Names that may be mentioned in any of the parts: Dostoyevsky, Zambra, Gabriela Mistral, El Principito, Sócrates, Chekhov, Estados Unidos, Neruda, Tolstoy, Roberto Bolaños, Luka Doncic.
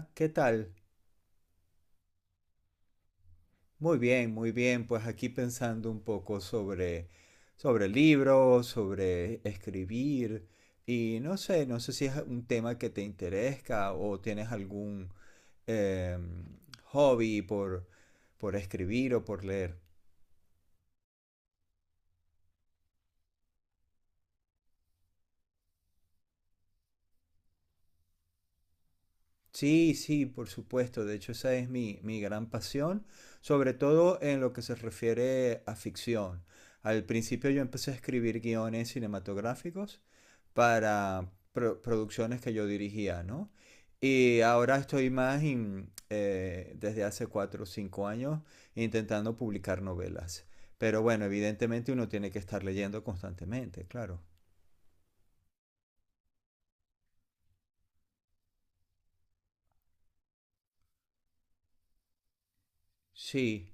Hola, ¿qué tal? Muy bien, muy bien. Pues aquí pensando un poco sobre libros, sobre escribir y no sé, no sé si es un tema que te interesa o tienes algún em, hobby por escribir o por leer. Sí, sí, por supuesto. De hecho, esa es mi gran pasión, sobre todo en lo que se refiere a ficción. Al principio yo empecé a escribir guiones cinematográficos para producciones que yo dirigía, ¿no? Y ahora estoy más desde hace 4 o 5 años intentando publicar novelas. Pero bueno, evidentemente uno tiene que estar leyendo constantemente, claro. Sí.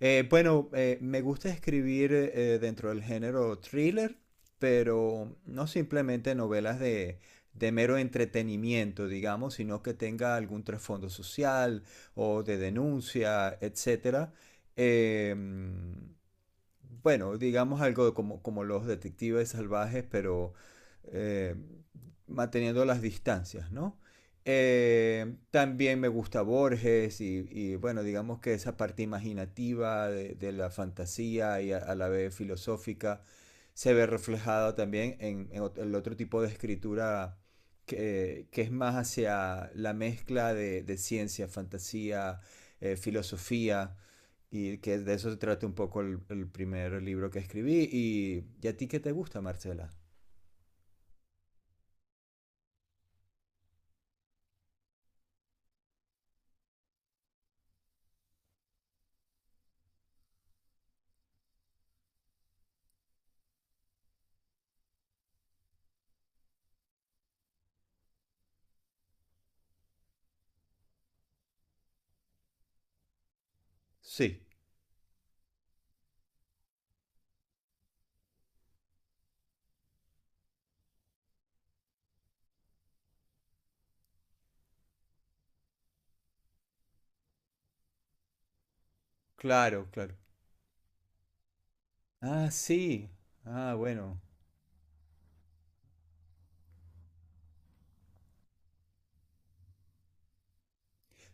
Bueno, me gusta escribir dentro del género thriller, pero no simplemente novelas de mero entretenimiento, digamos, sino que tenga algún trasfondo social o de denuncia, etcétera. Em, bueno, digamos algo como los detectives salvajes, pero eh, manteniendo las distancias, ¿no? También me gusta Borges y bueno, digamos que esa parte imaginativa de la fantasía y la vez filosófica se ve reflejada también el otro tipo de escritura que es más hacia la mezcla de ciencia, fantasía, filosofía. Y que de eso se trata un poco el primer libro que escribí. Y ¿y a ti qué te gusta, Marcela? Sí, claro, claro. Ah, sí. Ah, bueno.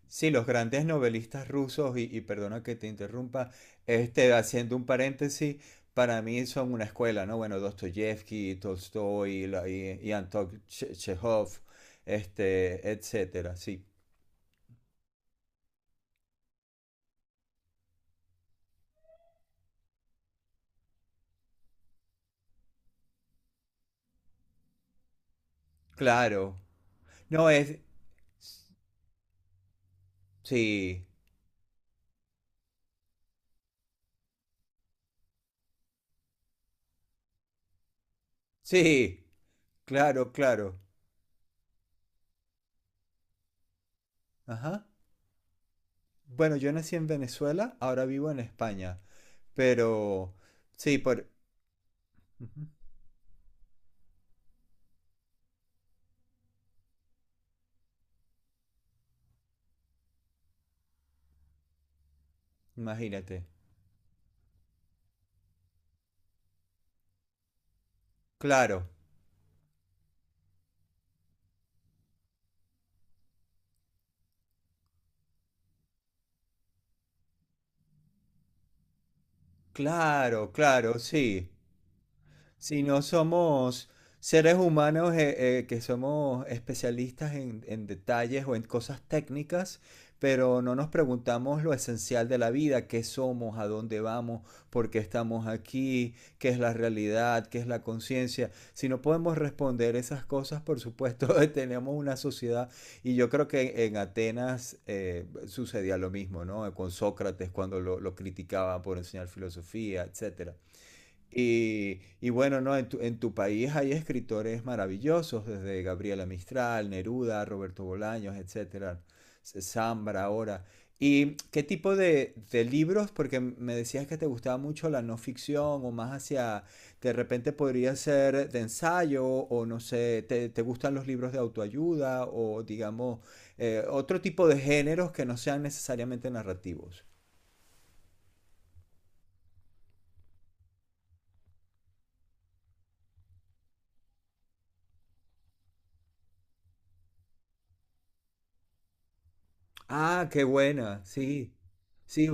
Sí, los grandes novelistas rusos, y perdona que te interrumpa, este, haciendo un paréntesis, para mí son una escuela, ¿no? Bueno, Dostoyevsky, Tolstoy, y Anton Chekhov, este, etcétera, sí. Claro. No es... Sí, sí, claro, claro. Ajá. Bueno, yo nací en Venezuela, ahora vivo en España, pero sí, por... Ujú, imagínate. Claro, claro, claro, sí. Si no somos seres humanos que somos especialistas en detalles o en cosas técnicas, pero no nos preguntamos lo esencial de la vida, qué somos, a dónde vamos, por qué estamos aquí, qué es la realidad, qué es la conciencia. Si no podemos responder esas cosas, por supuesto, tenemos una sociedad y yo creo que en Atenas sucedía lo mismo, ¿no? Con Sócrates cuando lo criticaba por enseñar filosofía, etcétera. Y bueno, ¿no? En en tu país hay escritores maravillosos, desde Gabriela Mistral, Neruda, Roberto Bolaños, etcétera, Zambra ahora. ¿Y qué tipo de libros? Porque me decías que te gustaba mucho la no ficción o más hacia, de repente podría ser de ensayo o no sé, te gustan los libros de autoayuda o digamos otro tipo de géneros que no sean necesariamente narrativos? Ah, qué buena, sí, sí.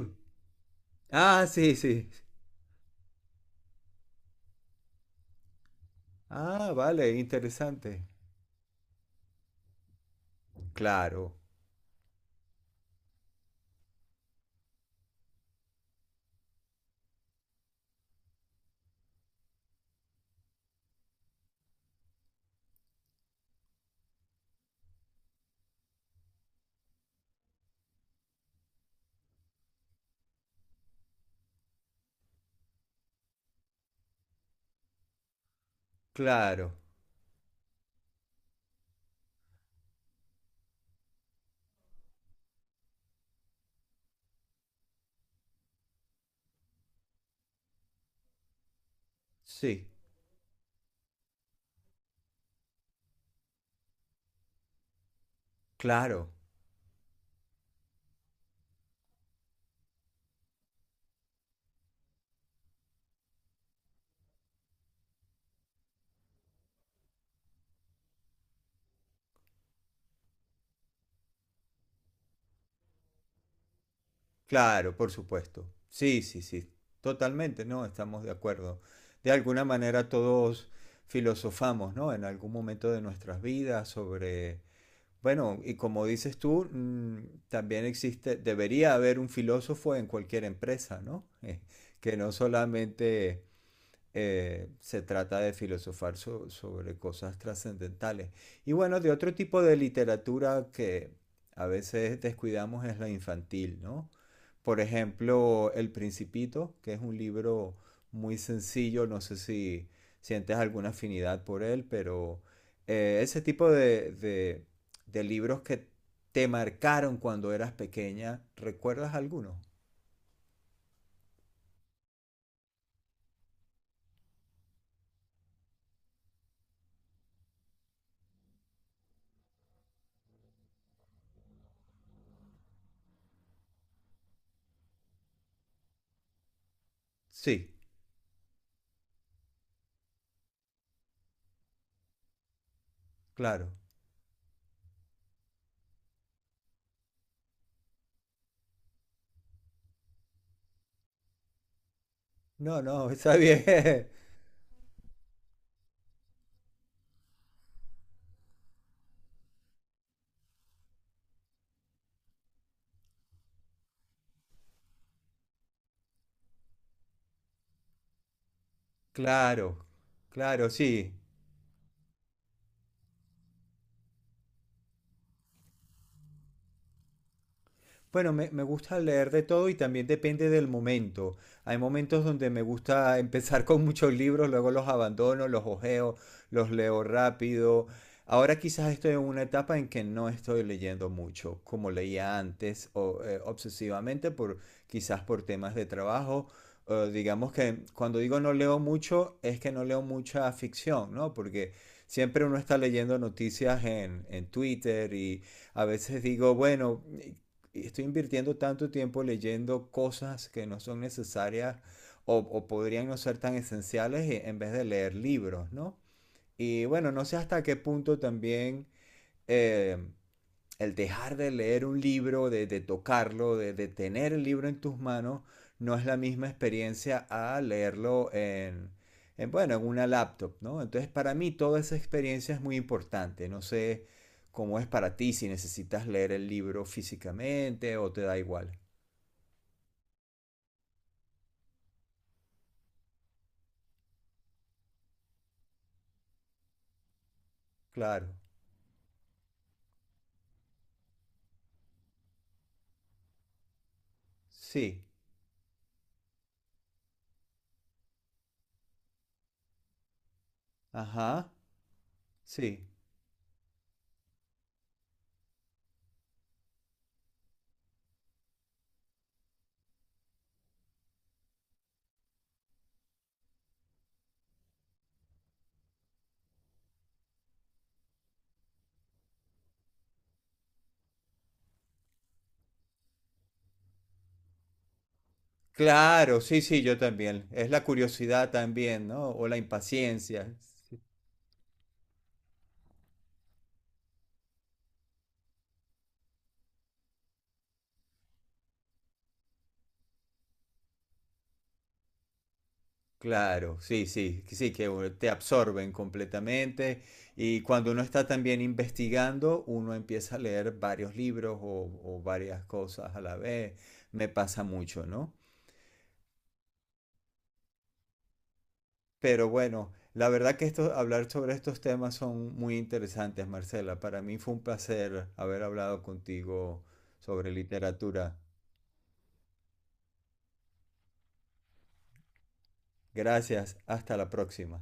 Ah, sí, sí. Ah, vale, interesante. Claro, claro. Sí, claro, claro, por supuesto. Sí, sí, sí. Totalmente, ¿no? Estamos de acuerdo. De alguna manera todos filosofamos, ¿no? En algún momento de nuestras vidas sobre... Bueno, y como dices tú, mm, también existe, debería haber un filósofo en cualquier empresa, ¿no? Que no solamente se trata de filosofar sobre cosas trascendentales. Y bueno, de otro tipo de literatura que a veces descuidamos es la infantil, ¿no? Por ejemplo, El Principito, que es un libro muy sencillo, no sé si sientes alguna afinidad por él, pero ese tipo de libros que te marcaron cuando eras pequeña, ¿recuerdas alguno? Sí, claro. No, no, está bien. Claro, claro, sí. Bueno, me gusta leer de todo y también depende del momento. Hay momentos donde me gusta empezar con muchos libros, luego los abandono, los ojeo, los leo rápido. Ahora quizás estoy en una etapa en que no estoy leyendo mucho, como leía antes, o, obsesivamente, por, quizás por temas de trabajo. Digamos que cuando digo no leo mucho, es que no leo mucha ficción, ¿no? Porque siempre uno está leyendo noticias en Twitter y a veces digo, bueno, estoy invirtiendo tanto tiempo leyendo cosas que no son necesarias o podrían no ser tan esenciales e, en vez de leer libros, ¿no? Y bueno, no sé hasta qué punto también eh, el dejar de leer un libro, de tocarlo, de tener el libro en tus manos, no es la misma experiencia a leerlo en, bueno, en una laptop, ¿no? Entonces, para mí toda esa experiencia es muy importante. No sé cómo es para ti, si necesitas leer el libro físicamente o te da igual. Claro. Sí. Ajá. Sí. Claro, sí, sí, yo también. Es la curiosidad también, ¿no? O la impaciencia. Sí. Claro, sí, sí, que te absorben completamente y cuando uno está también investigando, uno empieza a leer varios libros o varias cosas a la vez. Me pasa mucho, ¿no? Pero bueno, la verdad que esto, hablar sobre estos temas son muy interesantes, Marcela. Para mí fue un placer haber hablado contigo sobre literatura. Gracias, hasta la próxima.